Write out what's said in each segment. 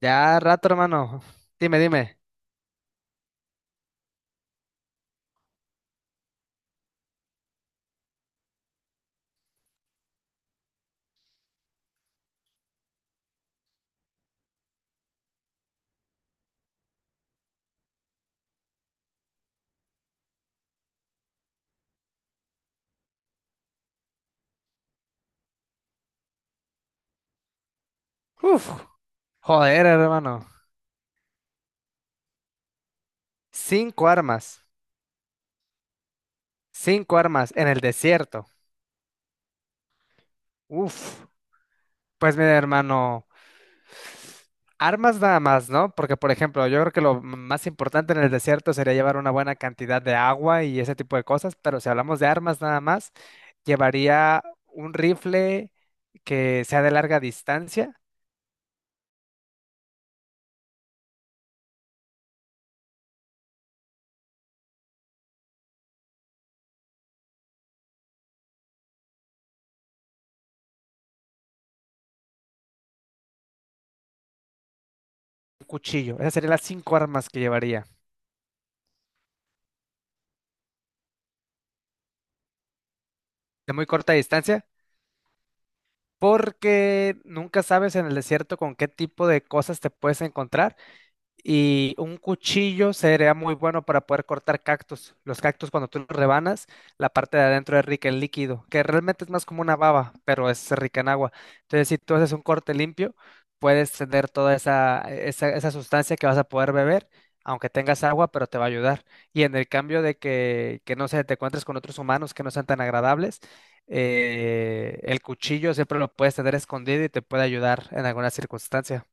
Ya rato, hermano. Dime, dime. Uf, joder, hermano. Cinco armas. Cinco armas en el desierto. Uf. Pues mira, hermano. Armas nada más, ¿no? Porque, por ejemplo, yo creo que lo más importante en el desierto sería llevar una buena cantidad de agua y ese tipo de cosas, pero si hablamos de armas nada más, llevaría un rifle que sea de larga distancia, un cuchillo. Esas serían las cinco armas que llevaría. De muy corta distancia. Porque nunca sabes en el desierto con qué tipo de cosas te puedes encontrar. Y un cuchillo sería muy bueno para poder cortar cactus. Los cactus, cuando tú los rebanas, la parte de adentro es rica en líquido, que realmente es más como una baba, pero es rica en agua. Entonces, si tú haces un corte limpio, puedes tener toda esa sustancia que vas a poder beber, aunque tengas agua, pero te va a ayudar. Y en el cambio de que no sé, te encuentres con otros humanos que no sean tan agradables, el cuchillo siempre lo puedes tener escondido y te puede ayudar en alguna circunstancia.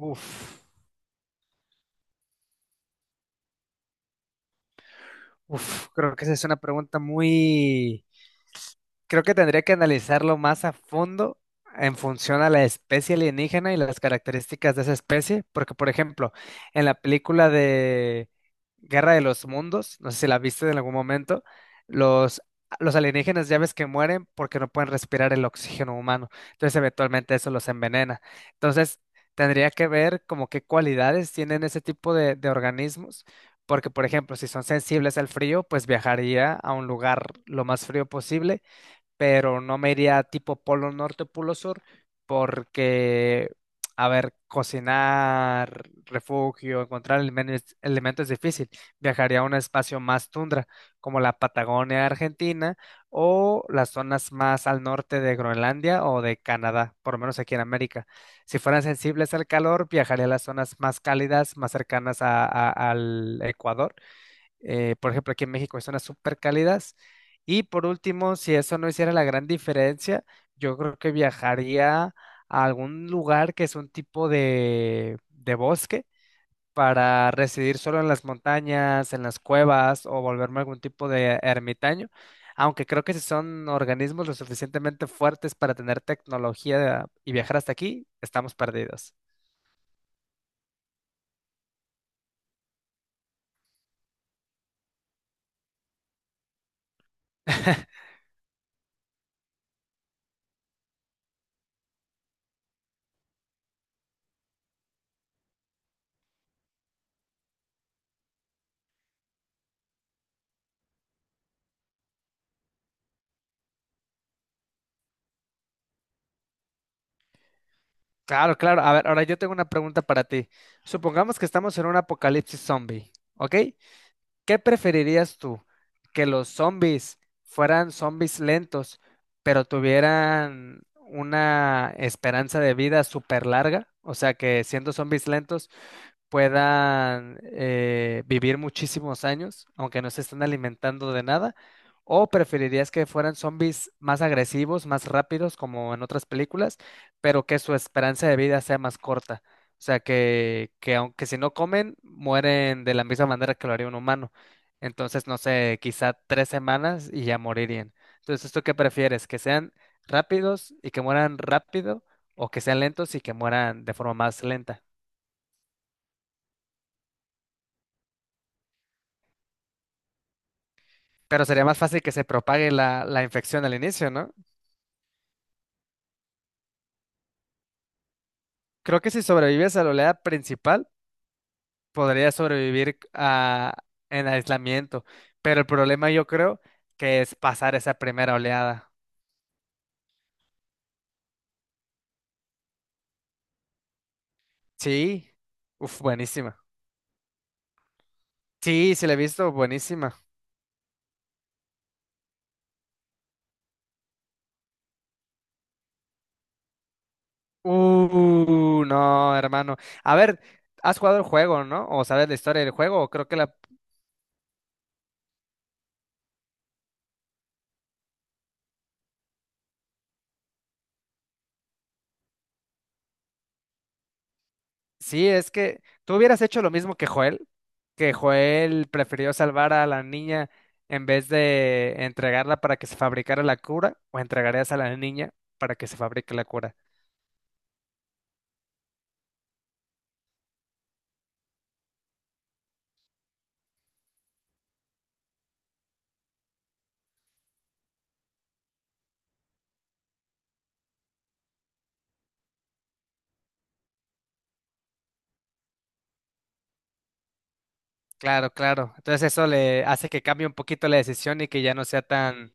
Uf. Uf, creo que esa es una pregunta muy, creo que tendría que analizarlo más a fondo en función a la especie alienígena y las características de esa especie, porque por ejemplo, en la película de Guerra de los Mundos, no sé si la viste en algún momento, los, los alienígenas ya ves que mueren porque no pueden respirar el oxígeno humano, entonces eventualmente eso los envenena. Entonces, tendría que ver como qué cualidades tienen ese tipo de organismos. Porque, por ejemplo, si son sensibles al frío, pues viajaría a un lugar lo más frío posible, pero no me iría tipo polo norte, polo sur, porque, a ver, cocinar, refugio, encontrar elementos, elementos es difícil. Viajaría a un espacio más tundra, como la Patagonia Argentina o las zonas más al norte de Groenlandia o de Canadá, por lo menos aquí en América. Si fueran sensibles al calor, viajaría a las zonas más cálidas, más cercanas al Ecuador, por ejemplo, aquí en México hay zonas súper cálidas. Y por último, si eso no hiciera la gran diferencia, yo creo que viajaría a algún lugar que es un tipo de bosque para residir solo en las montañas, en las cuevas o volverme algún tipo de ermitaño. Aunque creo que si son organismos lo suficientemente fuertes para tener tecnología y viajar hasta aquí, estamos perdidos. Claro, claro. A ver, ahora yo tengo una pregunta para ti. Supongamos que estamos en un apocalipsis zombie, ¿ok? ¿Qué preferirías tú? ¿Que los zombies fueran zombies lentos, pero tuvieran una esperanza de vida súper larga? O sea, que siendo zombies lentos puedan vivir muchísimos años, ¿aunque no se estén alimentando de nada? ¿O preferirías que fueran zombies más agresivos, más rápidos, como en otras películas, pero que su esperanza de vida sea más corta? O sea, que aunque si no comen, mueren de la misma manera que lo haría un humano. Entonces, no sé, quizá 3 semanas y ya morirían. Entonces, ¿tú qué prefieres? ¿Que sean rápidos y que mueran rápido o que sean lentos y que mueran de forma más lenta? Pero sería más fácil que se propague la infección al inicio, ¿no? Creo que si sobrevives a la oleada principal, podrías sobrevivir a, en aislamiento. Pero el problema yo creo que es pasar esa primera oleada. Sí. Uf, buenísima. Sí, sí la he visto, buenísima. No, hermano. A ver, ¿has jugado el juego, no? ¿O sabes la historia del juego? O creo que la, sí, es que tú hubieras hecho lo mismo que Joel prefirió salvar a la niña en vez de entregarla para que se fabricara la cura, o entregarías a la niña para que se fabrique la cura. Claro, claro. Entonces eso le hace que cambie un poquito la decisión y que ya no sea tan,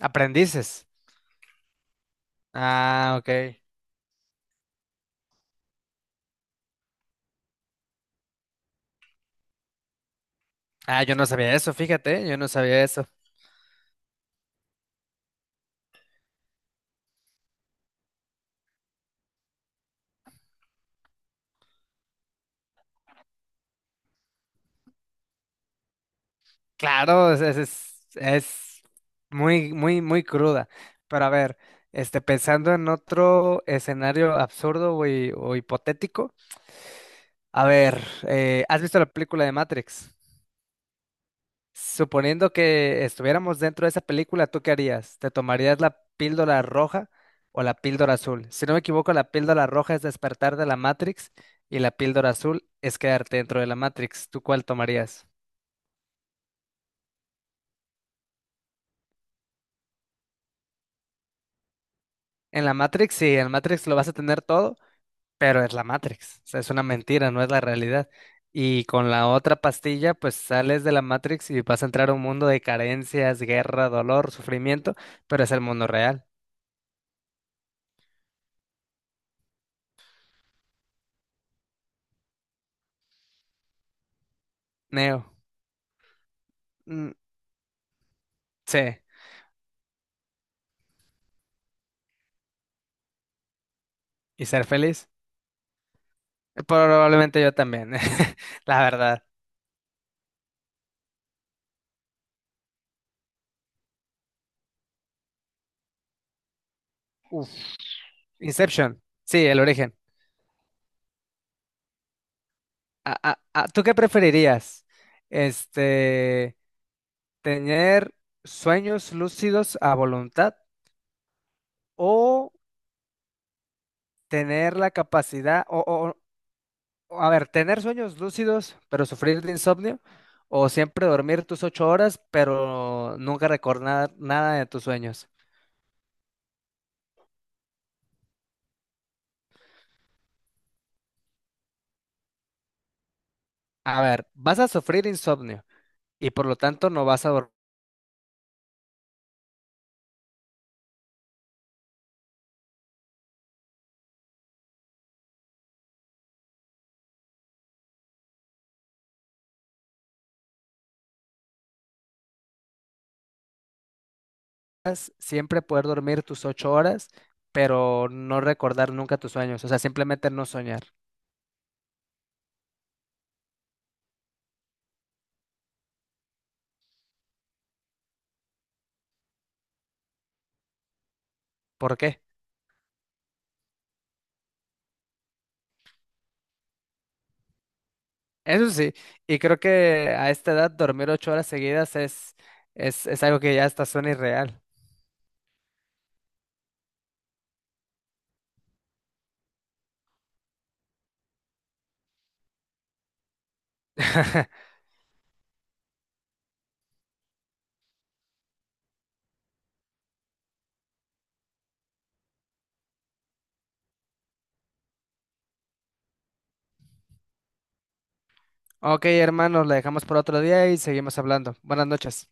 aprendices. Ah, ok. Ah, yo no sabía eso, fíjate, yo no sabía eso. Claro, es muy, muy, muy cruda. Pero a ver, este, pensando en otro escenario absurdo o hipotético, a ver, ¿has visto la película de Matrix? Suponiendo que estuviéramos dentro de esa película, ¿tú qué harías? ¿Te tomarías la píldora roja o la píldora azul? Si no me equivoco, la píldora roja es despertar de la Matrix y la píldora azul es quedarte dentro de la Matrix. ¿Tú cuál tomarías? En la Matrix, sí, en la Matrix lo vas a tener todo, pero es la Matrix, o sea, es una mentira, no es la realidad. Y con la otra pastilla, pues sales de la Matrix y vas a entrar a un mundo de carencias, guerra, dolor, sufrimiento, pero es el mundo real. Neo, mm, sí, y ser feliz. Probablemente yo también, la verdad. Uf. Inception, sí, el origen. Ah, ah, ah, ¿tú qué preferirías? Este, tener sueños lúcidos a voluntad o tener la capacidad o, a ver, tener sueños lúcidos, pero sufrir de insomnio, o siempre dormir tus 8 horas, pero nunca recordar nada de tus sueños. A ver, vas a sufrir insomnio y por lo tanto no vas a dormir, siempre poder dormir tus 8 horas, pero no recordar nunca tus sueños, o sea, simplemente no soñar. ¿Por qué? Eso sí, y creo que a esta edad dormir 8 horas seguidas es algo que ya hasta suena irreal. Ok, hermanos, la dejamos por otro día y seguimos hablando. Buenas noches.